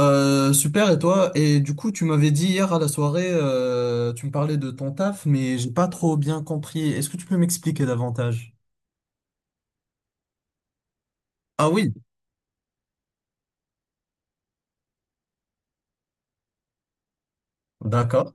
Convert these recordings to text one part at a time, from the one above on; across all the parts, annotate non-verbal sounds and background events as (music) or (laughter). Super, et toi? Et du coup, tu m'avais dit hier à la soirée, tu me parlais de ton taf, mais j'ai pas trop bien compris. Est-ce que tu peux m'expliquer davantage? Ah oui, d'accord.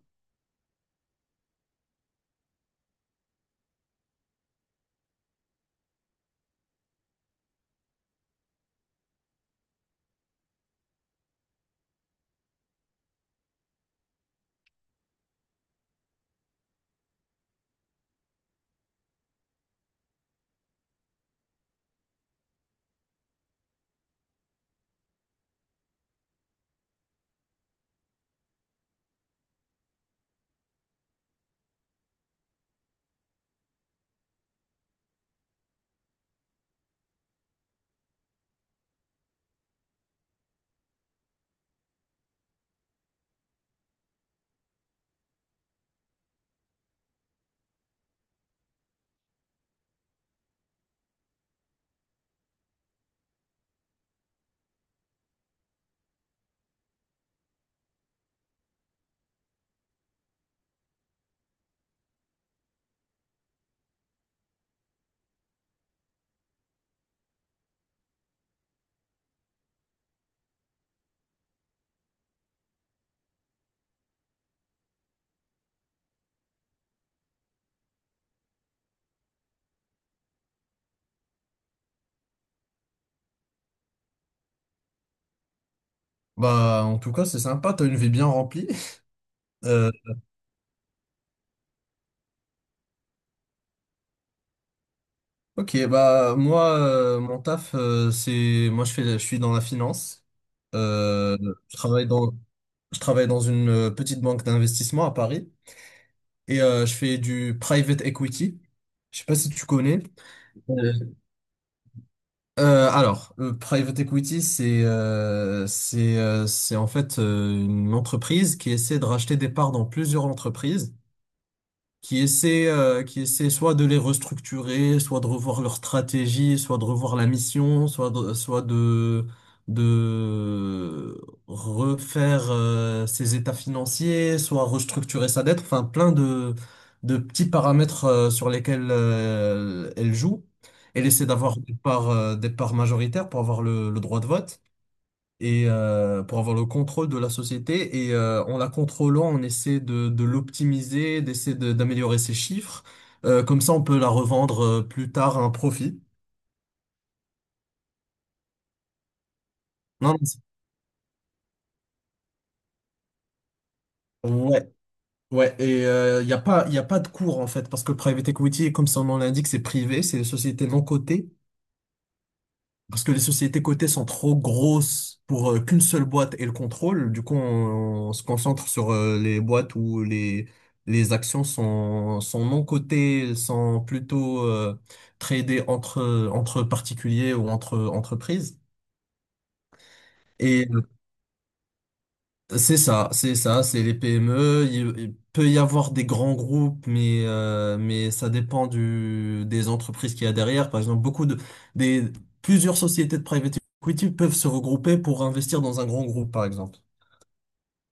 Bah, en tout cas, c'est sympa, t'as une vie bien remplie. (laughs) Euh, ok, bah, moi, mon taf, c'est. Moi, je suis dans la finance. Euh, je travaille dans, je travaille dans une petite banque d'investissement à Paris et je fais du private equity. Je sais pas si tu connais. Euh, alors, le private equity, c'est en fait une entreprise qui essaie de racheter des parts dans plusieurs entreprises qui essaient soit de les restructurer, soit de revoir leur stratégie, soit de revoir la mission, soit de refaire, ses états financiers, soit restructurer sa dette, enfin plein de petits paramètres, sur lesquels elle joue. Elle essaie d'avoir des parts, des parts majoritaires pour avoir le droit de vote et pour avoir le contrôle de la société et en la contrôlant, on essaie de l'optimiser, d'améliorer ses chiffres. Comme ça, on peut la revendre plus tard à un profit. Non, non, c'est- Ouais, ouais. Et il n'y a pas, y a pas de cours en fait parce que le private equity, comme son nom l'indique, c'est privé, c'est des sociétés non cotées. Parce que les sociétés cotées sont trop grosses pour qu'une seule boîte ait le contrôle. Du coup, on se concentre sur les boîtes où les actions sont non cotées, sont plutôt tradées entre particuliers ou entre entreprises. Et C'est ça, c'est ça, c'est les PME. Il peut y avoir des grands groupes, mais mais ça dépend des entreprises qu'il y a derrière. Par exemple, des, plusieurs sociétés de private equity peuvent se regrouper pour investir dans un grand groupe, par exemple.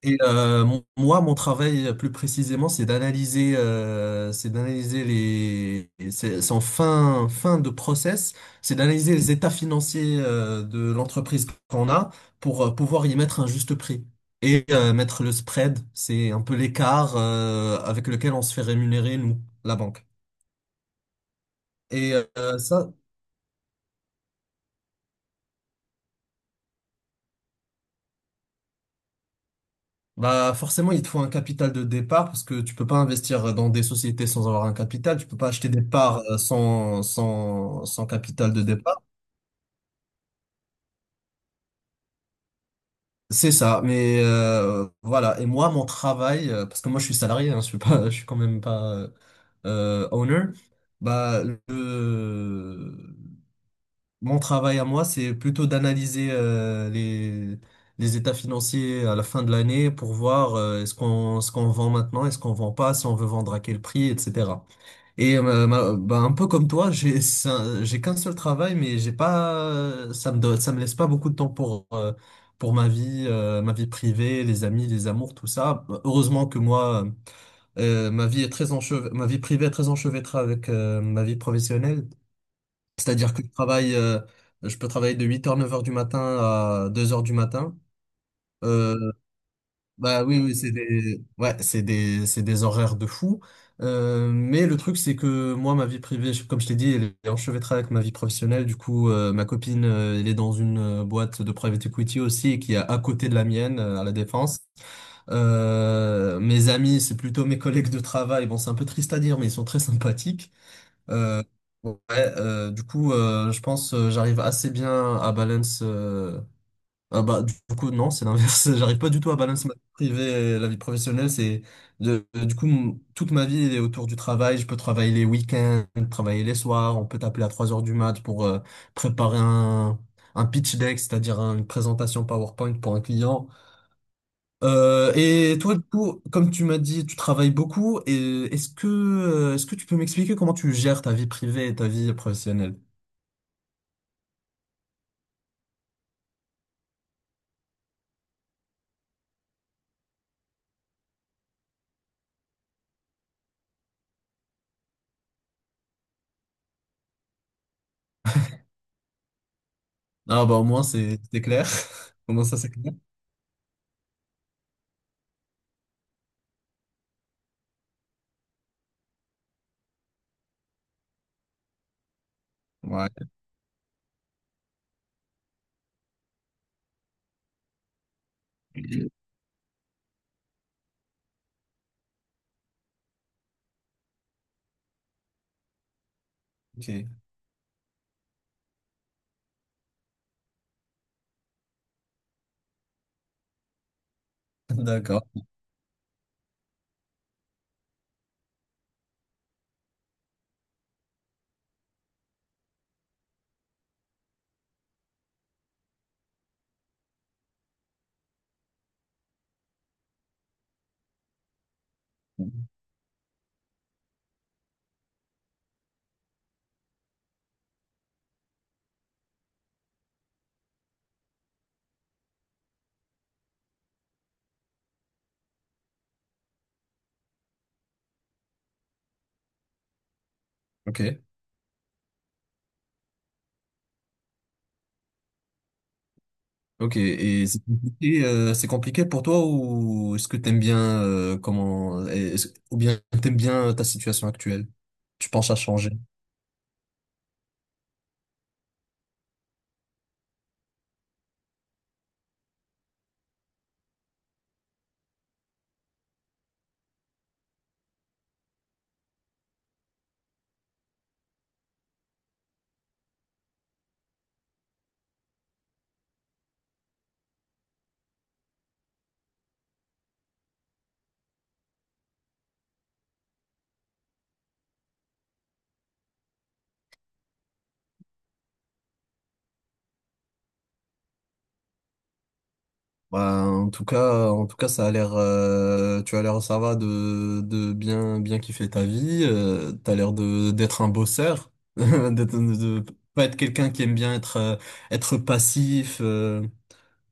Et moi, mon travail plus précisément, c'est c'est d'analyser et c'est en fin de process, c'est d'analyser les états financiers de l'entreprise qu'on a pour pouvoir y mettre un juste prix et mettre le spread, c'est un peu l'écart avec lequel on se fait rémunérer nous, la banque. Et euh, ça, Bah forcément, il te faut un capital de départ parce que tu peux pas investir dans des sociétés sans avoir un capital. Tu peux pas acheter des parts sans capital de départ. C'est ça. Mais voilà. Et moi, mon travail, parce que moi, je suis salarié, hein, je suis pas, (laughs) je suis quand même pas owner. Bah le- Mon travail à moi, c'est plutôt d'analyser les les états financiers à la fin de l'année pour voir est-ce qu'on ce qu'on vend maintenant, est-ce qu'on vend pas, si on veut vendre à quel prix, etc. Et bah, un peu comme toi, j'ai qu'un seul travail, mais j'ai pas, ça me ça me laisse pas beaucoup de temps pour ma vie, ma vie privée, les amis, les amours, tout ça. Heureusement que moi, ma vie est très ma vie privée est très enchevêtrée avec ma vie professionnelle. C'est-à-dire que je travaille, je peux travailler de 8 heures 9 heures du matin à 2 heures du matin. Euh, Bah oui, oui, c'est des, ouais, c'est des horaires de fou. Mais le truc, c'est que moi, ma vie privée, comme je t'ai dit, elle est enchevêtrée avec ma vie professionnelle. Du coup, ma copine, elle est dans une boîte de private equity aussi, et qui est à côté de la mienne, à La Défense. Mes amis, c'est plutôt mes collègues de travail. Bon, c'est un peu triste à dire, mais ils sont très sympathiques. Euh, ouais, du coup, je pense, j'arrive assez bien à balance, ah bah, du coup, non, c'est l'inverse. (laughs) J'arrive pas du tout à balancer ma vie privée et la vie professionnelle. Du coup, toute ma vie elle est autour du travail. Je peux travailler les week-ends, travailler les soirs. On peut t'appeler à 3 heures du mat pour préparer un pitch deck, c'est-à-dire une présentation PowerPoint pour un client. Et toi, du coup, comme tu m'as dit, tu travailles beaucoup. Et est-ce que tu peux m'expliquer comment tu gères ta vie privée et ta vie professionnelle? Ah bah, au moins, c'est clair. (laughs) Au moins, ça, c'est clair. Ouais. Ok. D'accord. Ok. Ok. Et c'est compliqué pour toi ou est-ce que t'aimes bien ou bien t'aimes bien ta situation actuelle? Tu penses à changer? Bah, en tout cas, ça a l'air, tu as l'air, ça va de bien, bien kiffer ta vie. T'as l'air de d'être un bosseur, (laughs) de pas être quelqu'un qui aime bien être, être passif.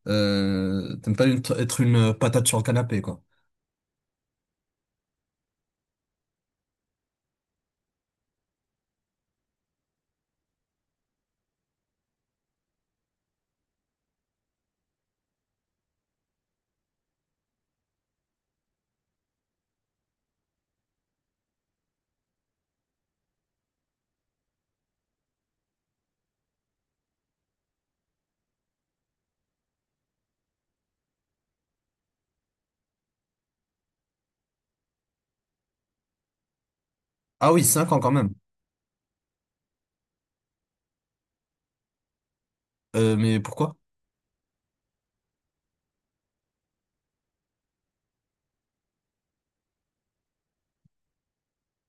T'aimes pas être une patate sur le canapé, quoi. Ah oui, 5 ans quand même. Mais pourquoi?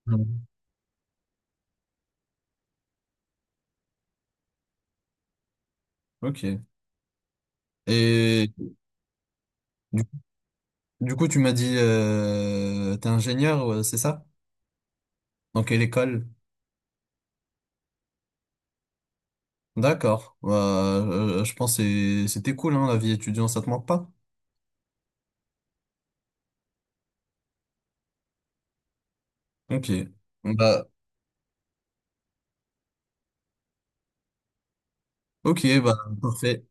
Mhm. Ok. Et du, du coup, tu m'as dit, t'es ingénieur, ouais, c'est ça? Dans quelle école? D'accord. Bah, je pense que c'était cool, hein, la vie étudiante, ça te manque pas? Ok. Bah, ok, bah, parfait.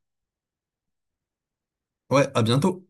Ouais, à bientôt.